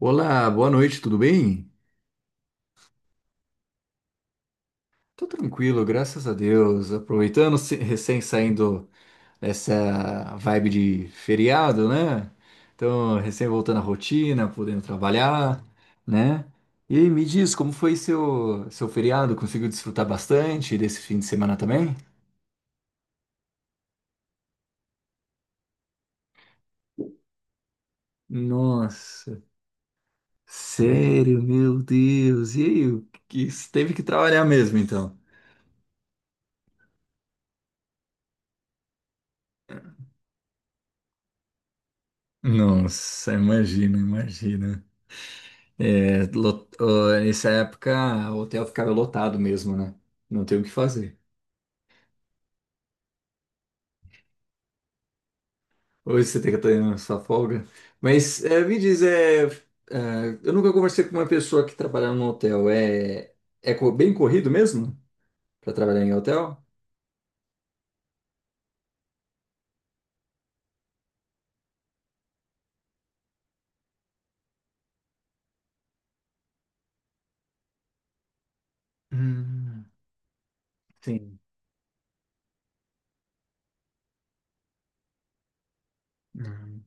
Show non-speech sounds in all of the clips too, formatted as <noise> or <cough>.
Olá, boa noite, tudo bem? Tô tranquilo, graças a Deus. Aproveitando, recém saindo dessa vibe de feriado, né? Então, recém voltando à rotina, podendo trabalhar, né? E aí, me diz, como foi seu feriado? Conseguiu desfrutar bastante desse fim de semana também? Nossa, sério, meu Deus. E aí, teve que trabalhar mesmo, então? Nossa, imagina, imagina. É, ó, nessa época, o hotel ficava lotado mesmo, né? Não tem o que fazer. Hoje você tem que ter a sua folga. Mas é, me diz, eu nunca conversei com uma pessoa que trabalhava no hotel. É, bem corrido mesmo para trabalhar em hotel? Hum. Sim. Não.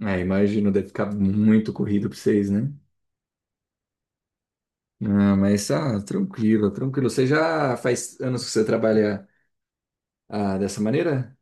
É, imagino, deve ficar muito corrido para vocês, né? Ah, mas tranquilo, tranquilo. Você já faz anos que você trabalha ah, dessa maneira?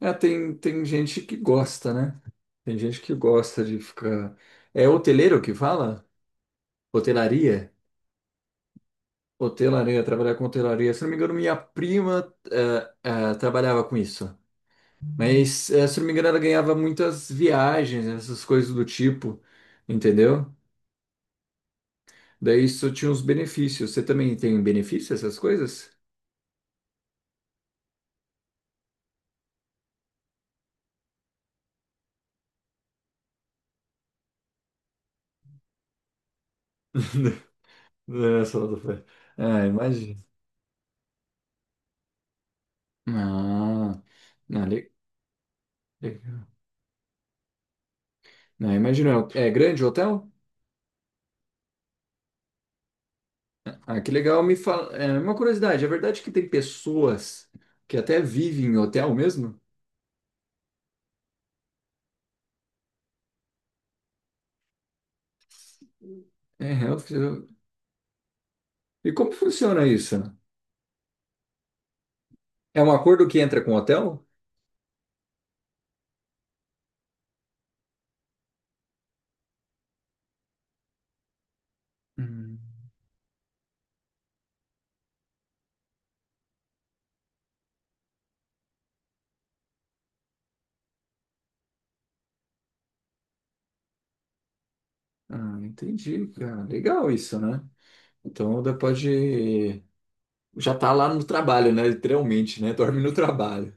É, tem gente que gosta, né? Tem gente que gosta de ficar. É hoteleiro que fala? Hotelaria? Hotelaria, trabalhar com hotelaria. Se não me engano, minha prima trabalhava com isso. Mas, eh, se não me engano, ela ganhava muitas viagens, essas coisas do tipo, entendeu? Daí isso tinha uns benefícios. Você também tem benefício, essas coisas? <laughs> Não, é só do pé. Ah, imagina. Ah, não, le- legal. Não, imagina. É grande o hotel? Ah, que legal. Me fala, é uma curiosidade, é verdade que tem pessoas que até vivem em hotel mesmo? É, é, eu- E como funciona isso? É um acordo que entra com o hotel? Hum. Ah, entendi, cara. Legal isso, né? Então pode já tá lá no trabalho, né? Literalmente, né? Dorme no trabalho.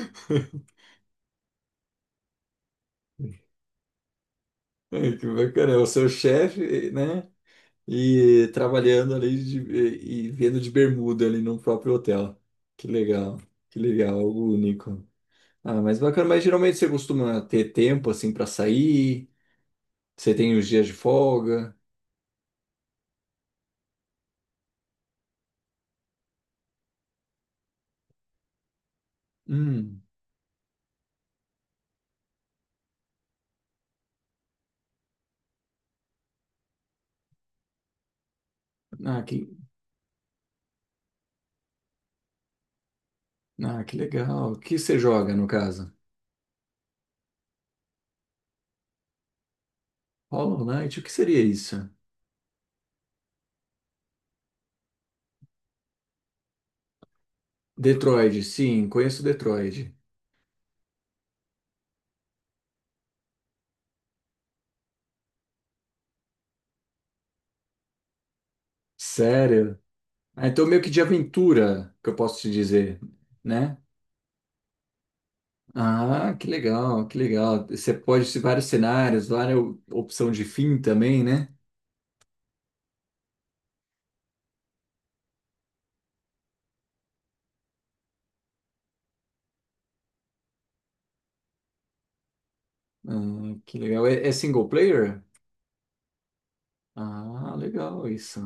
<laughs> Ai, que bacana, é o seu chefe, né? E trabalhando e vendo de bermuda ali no próprio hotel. Que legal, que legal, algo único. Ah, mas bacana, mas geralmente você costuma ter tempo assim para sair? Você tem os dias de folga? Hum, ah, que, ah, que legal. O que você joga no caso? Hollow Knight, o que seria isso? Detroit, sim, conheço Detroit. Sério? Ah, então meio que de aventura que eu posso te dizer, né? Ah, que legal, que legal. Você pode ter vários cenários, várias opção de fim também, né? Ah, que legal. É, é single player? Ah, legal isso.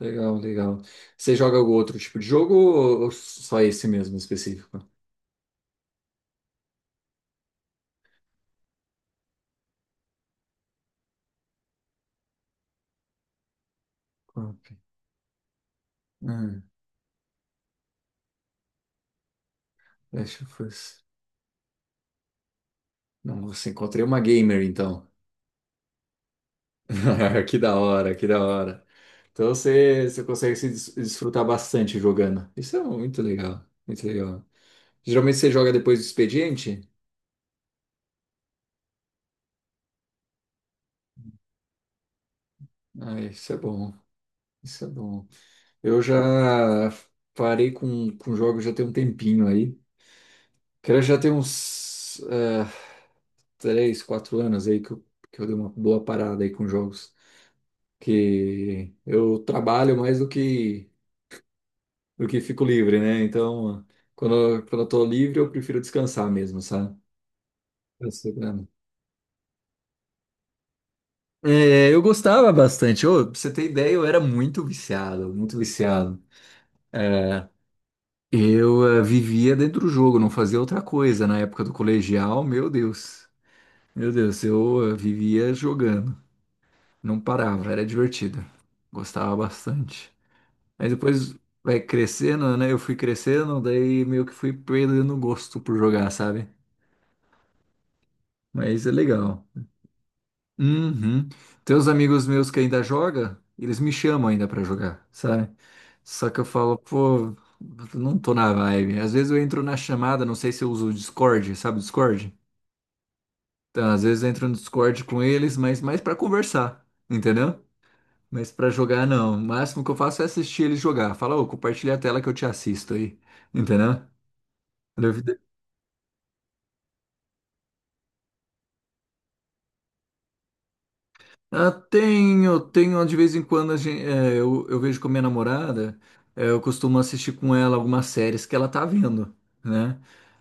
Legal, legal. Você joga algum outro tipo de jogo ou só esse mesmo específico? Ok. Hum. Last of Us. Não, você encontrei uma gamer então. <laughs> Que da hora, que da hora. Então você consegue se desfrutar bastante jogando. Isso é muito legal, muito legal. Geralmente você joga depois do expediente? Ah, isso é bom, isso é bom. Eu já parei com jogos já tem um tempinho aí. Cara, já tem uns. Eh, 3, 4 anos aí que eu dei uma boa parada aí com jogos. Que eu trabalho mais do que fico livre, né? Então, quando eu tô livre, eu prefiro descansar mesmo, sabe? Eu sei, né? É, eu gostava bastante. Ô, pra você ter ideia, eu era muito viciado, muito viciado. É, vivia dentro do jogo, não fazia outra coisa. Na época do colegial, meu Deus, vivia jogando, não parava, era divertido, gostava bastante. Mas depois vai crescendo, né? Eu fui crescendo, daí meio que fui perdendo o gosto por jogar, sabe? Mas é legal. Uhum. Tem uns amigos meus que ainda joga, eles me chamam ainda pra jogar, sabe? Só que eu falo, pô, não tô na vibe. Às vezes eu entro na chamada, não sei se eu uso o Discord, sabe o Discord? Então, às vezes eu entro no Discord com eles, mas mais pra conversar, entendeu? Mas pra jogar, não. O máximo que eu faço é assistir eles jogar. Fala, ô, compartilha a tela que eu te assisto aí, entendeu? Ah, tenho, tenho de vez em quando eu vejo com a minha namorada, eh, eu costumo assistir com ela algumas séries que ela tá vendo, né?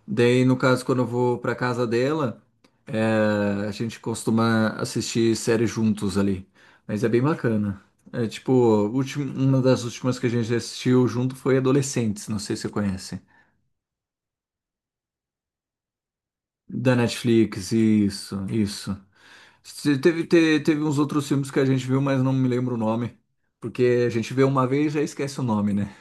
Daí, no caso, quando eu vou pra casa dela, eh, a gente costuma assistir séries juntos ali. Mas é bem bacana. É tipo, uma das últimas que a gente assistiu junto foi Adolescentes, não sei se você conhece. Da Netflix, isso, isso. Teve uns outros filmes que a gente viu, mas não me lembro o nome. Porque a gente vê uma vez e já esquece o nome, né?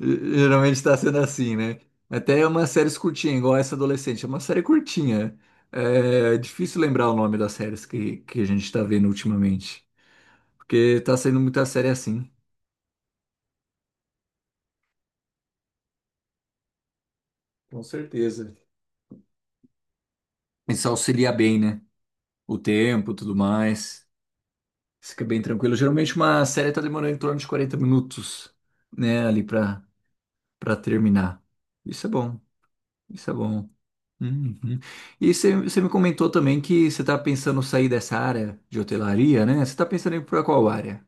Geralmente está sendo assim, né? Até umas séries curtinhas, igual essa adolescente. É uma série curtinha. É difícil lembrar o nome das séries que a gente está vendo ultimamente. Porque tá saindo muita série assim. Com certeza. Isso auxilia bem, né? O tempo, tudo mais. Fica bem tranquilo. Geralmente uma série tá demorando em torno de 40 minutos, né? Ali pra para terminar. Isso é bom, isso é bom. Uhum. E você me comentou também que você está pensando sair dessa área de hotelaria, né? Você está pensando em ir para qual área?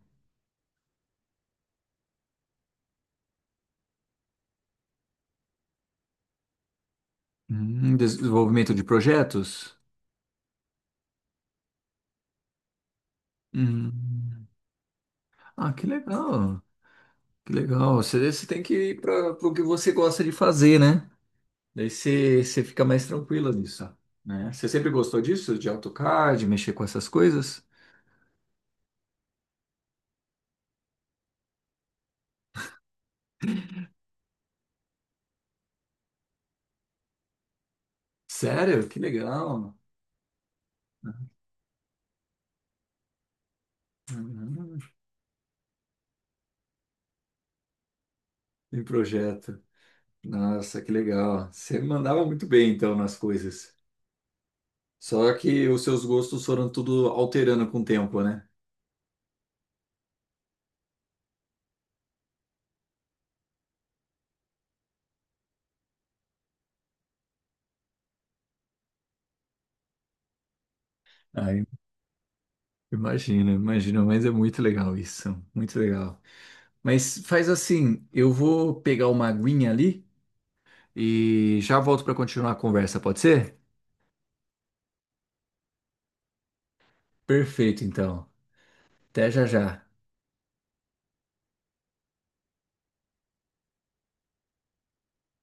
Desenvolvimento de projetos? Hum. Ah, que legal, que legal. Você tem que ir para o que você gosta de fazer, né? Daí você fica mais tranquila nisso, né? Você sempre gostou disso, de AutoCAD, mexer com essas coisas? Sério? Que legal. Uhum. Em projeto. Nossa, que legal. Você mandava muito bem, então, nas coisas. Só que os seus gostos foram tudo alterando com o tempo, né? Ai, imagina, imagina, mas é muito legal isso, muito legal. Mas faz assim, eu vou pegar uma aguinha ali e já volto para continuar a conversa, pode ser? Perfeito, então. Até já já.